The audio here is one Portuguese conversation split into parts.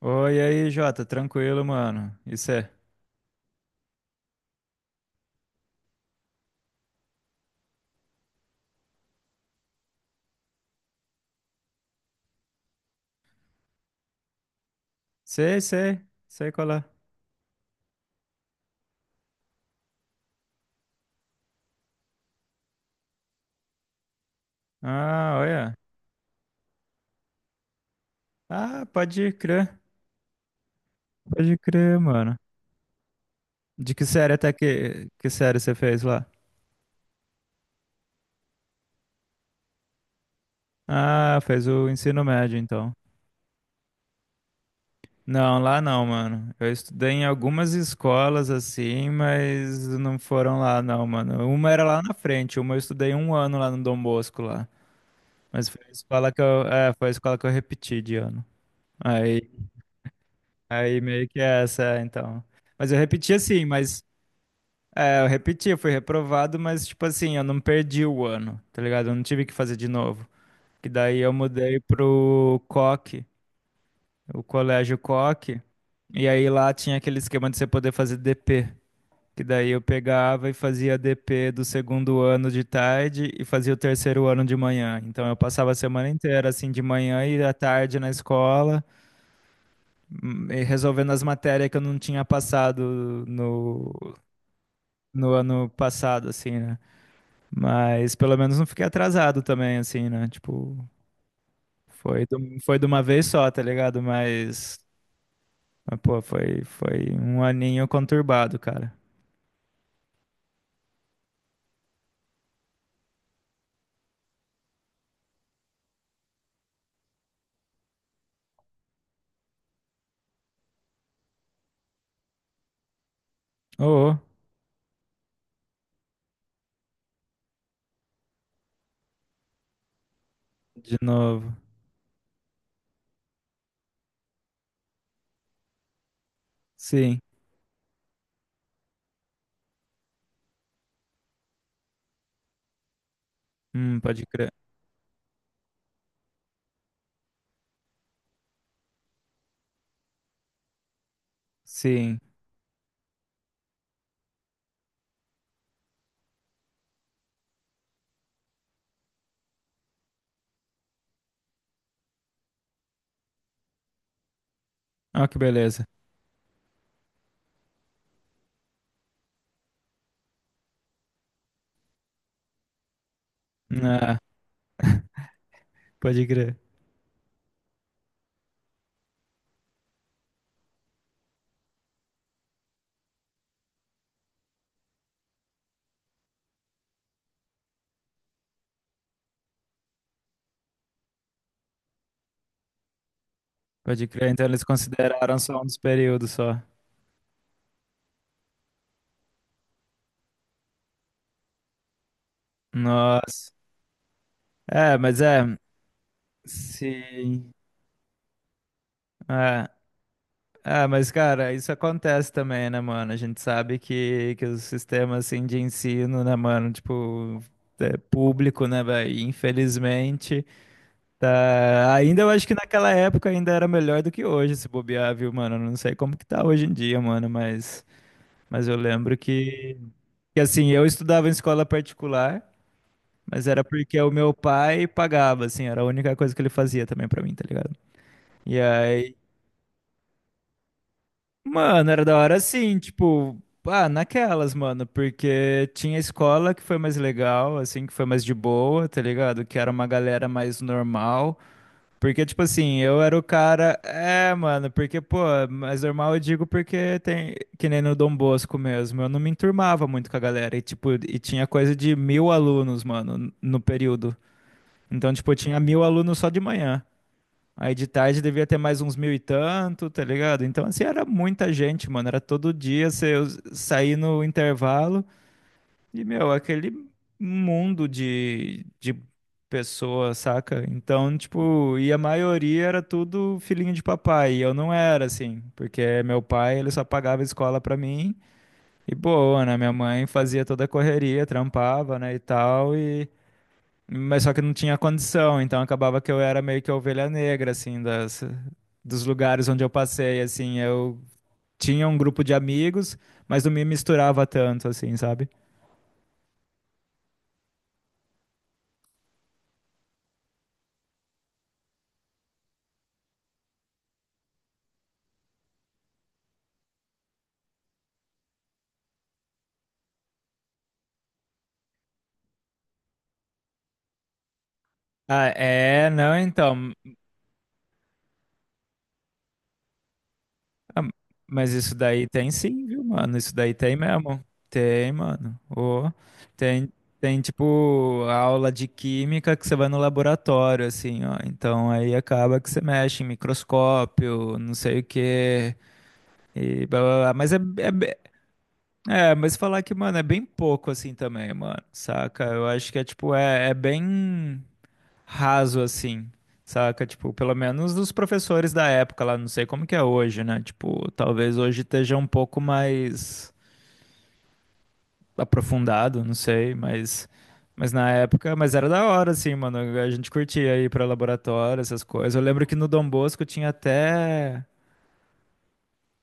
Oi, e aí, Jota, tranquilo, mano. Isso é. Sei, sei, sei qual é. Ah, olha. Ah, pode crer. Pode crer, mano. De que série até que série você fez lá? Ah, fez o ensino médio, então. Não, lá não, mano. Eu estudei em algumas escolas assim, mas não foram lá, não, mano. Uma era lá na frente, uma eu estudei um ano lá no Dom Bosco lá. Mas foi a escola que foi a escola que eu repeti de ano. Aí Aí meio que é então. Mas eu repeti assim, mas. É, eu repeti, eu fui reprovado, mas tipo assim, eu não perdi o ano, tá ligado? Eu não tive que fazer de novo. Que daí eu mudei pro Coque, o colégio Coque. E aí lá tinha aquele esquema de você poder fazer DP. Que daí eu pegava e fazia DP do segundo ano de tarde e fazia o terceiro ano de manhã. Então eu passava a semana inteira assim de manhã e à tarde na escola. Resolvendo as matérias que eu não tinha passado no, no ano passado, assim, né? Mas pelo menos não fiquei atrasado também, assim, né? Tipo, foi de uma vez só, tá ligado? Mas pô, foi um aninho conturbado, cara. Ô, ô, de novo. Sim. Pode crer. Sim. Ó, que beleza. Ah, pode crer. Pode crer. Então eles consideraram só um dos períodos só. Nossa. É, mas é. Sim. É, mas cara, isso acontece também, né, mano? A gente sabe que o sistema, assim, de ensino, né, mano, tipo, é público, né, velho? E, infelizmente, tá... Ainda eu acho que naquela época ainda era melhor do que hoje, se bobear, viu, mano? Eu não sei como que tá hoje em dia, mano, mas eu lembro que, assim, eu estudava em escola particular, mas era porque o meu pai pagava, assim, era a única coisa que ele fazia também pra mim, tá ligado? E aí mano, era da hora assim, tipo, ah, naquelas, mano, porque tinha escola que foi mais legal, assim, que foi mais de boa, tá ligado? Que era uma galera mais normal. Porque, tipo assim, eu era o cara. É, mano, porque, pô, mais normal eu digo porque tem. Que nem no Dom Bosco mesmo. Eu não me enturmava muito com a galera. E, tipo, e tinha coisa de mil alunos, mano, no período. Então, tipo, eu tinha mil alunos só de manhã. Aí de tarde devia ter mais uns mil e tanto, tá ligado? Então, assim, era muita gente, mano. Era todo dia você sair no intervalo e, meu, aquele mundo de pessoas, saca? Então, tipo, e a maioria era tudo filhinho de papai. E eu não era, assim, porque meu pai, ele só pagava escola pra mim. E boa, né? Minha mãe fazia toda a correria, trampava, né, e tal. E... Mas só que não tinha condição, então acabava que eu era meio que a ovelha negra, assim, dos lugares onde eu passei, assim, eu tinha um grupo de amigos, mas não me misturava tanto, assim, sabe? Ah, é, não, então. Ah, mas isso daí tem sim, viu, mano? Isso daí tem mesmo. Tem, mano. Ô, tem, tem, tipo, aula de química que você vai no laboratório, assim, ó. Então aí acaba que você mexe em microscópio, não sei o quê. E blá, blá, blá. É, mas falar que, mano, é bem pouco assim também, mano, saca? Eu acho que é tipo, é bem raso assim, saca? Tipo, pelo menos dos professores da época lá, não sei como que é hoje, né? Tipo, talvez hoje esteja um pouco mais aprofundado, não sei, mas na época, mas era da hora assim, mano. A gente curtia ir pra laboratório, essas coisas. Eu lembro que no Dom Bosco tinha até.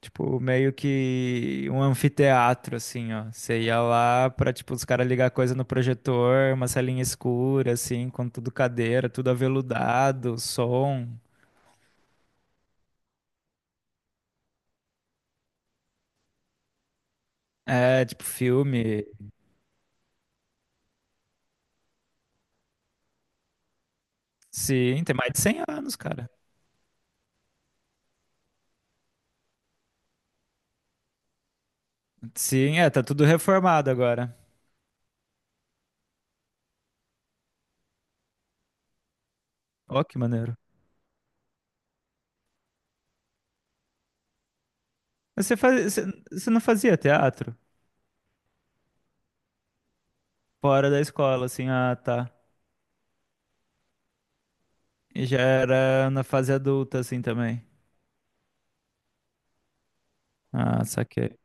Tipo, meio que um anfiteatro, assim, ó. Você ia lá pra, tipo, os caras ligar coisa no projetor, uma salinha escura, assim, com tudo cadeira, tudo aveludado, som. É, tipo, filme. Sim, tem mais de 100 anos, cara. Sim, é, tá tudo reformado agora. Ó, que maneiro. Mas você não fazia teatro? Fora da escola, assim, ah, tá. E já era na fase adulta, assim, também. Ah, saquei.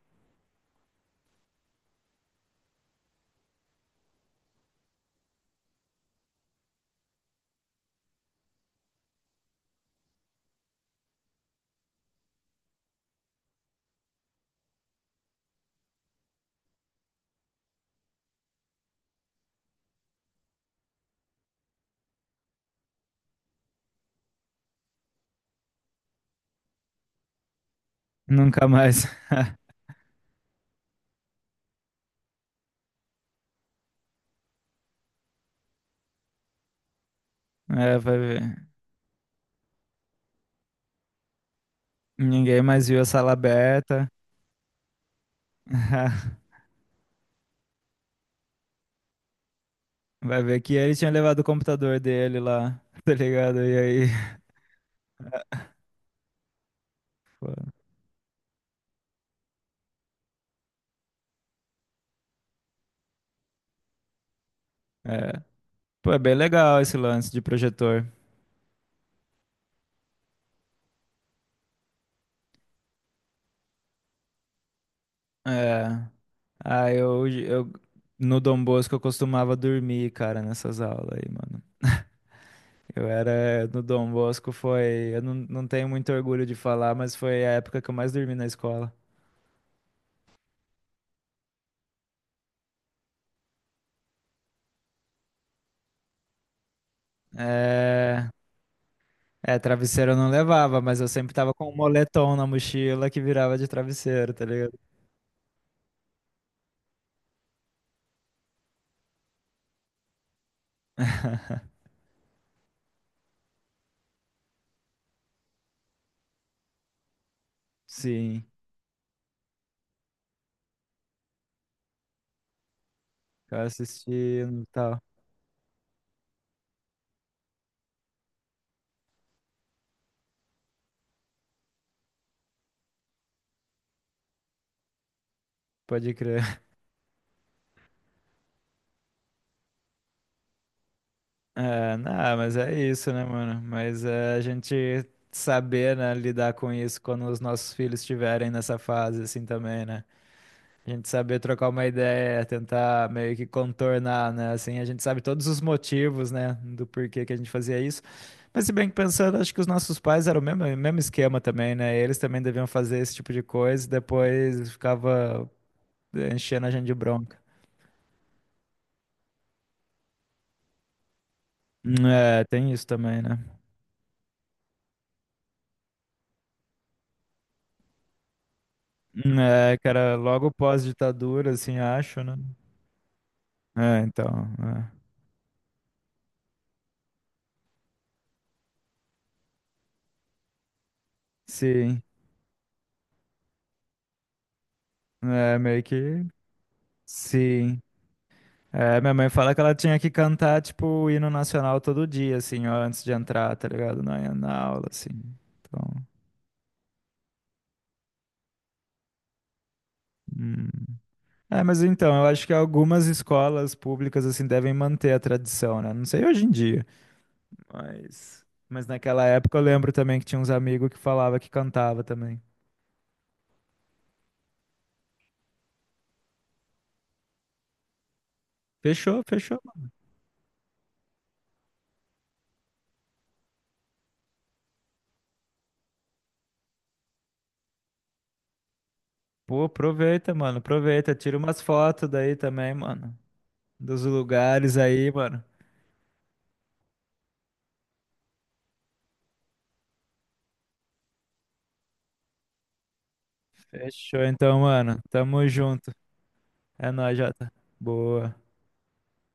Nunca mais. É, vai ver. Ninguém mais viu a sala aberta. Vai ver que ele tinha levado o computador dele lá, tá ligado? E aí, pô, é, é bem legal esse lance de projetor. É, ah, eu no Dom Bosco eu costumava dormir, cara, nessas aulas aí, mano. Eu era no Dom Bosco foi, eu não, não tenho muito orgulho de falar, mas foi a época que eu mais dormi na escola. É, travesseiro eu não levava, mas eu sempre tava com um moletom na mochila que virava de travesseiro, tá ligado? Sim, eu assisti no tal, pode crer. É, não, mas é isso, né, mano? Mas é a gente saber, né, lidar com isso quando os nossos filhos estiverem nessa fase, assim, também, né? A gente saber trocar uma ideia, tentar meio que contornar, né? Assim, a gente sabe todos os motivos, né, do porquê que a gente fazia isso. Mas se bem que pensando, acho que os nossos pais eram o mesmo, mesmo esquema também, né? Eles também deviam fazer esse tipo de coisa e depois ficava enchendo a gente de bronca. É, tem isso também, né? É, cara, logo pós-ditadura, assim, acho, né? É, então, é. Sim, é meio que, sim. É, minha mãe fala que ela tinha que cantar, tipo, o hino nacional todo dia, assim, ó, antes de entrar, tá ligado? Na aula, assim. Então, hum. É, mas então, eu acho que algumas escolas públicas, assim, devem manter a tradição, né? Não sei hoje em dia, mas... Mas naquela época eu lembro também que tinha uns amigos que falava que cantava também. Fechou, fechou. Pô, aproveita, mano. Aproveita. Tira umas fotos daí também, mano. Dos lugares aí, mano. Fechou então, mano. Tamo junto. É nóis, Jota. Boa.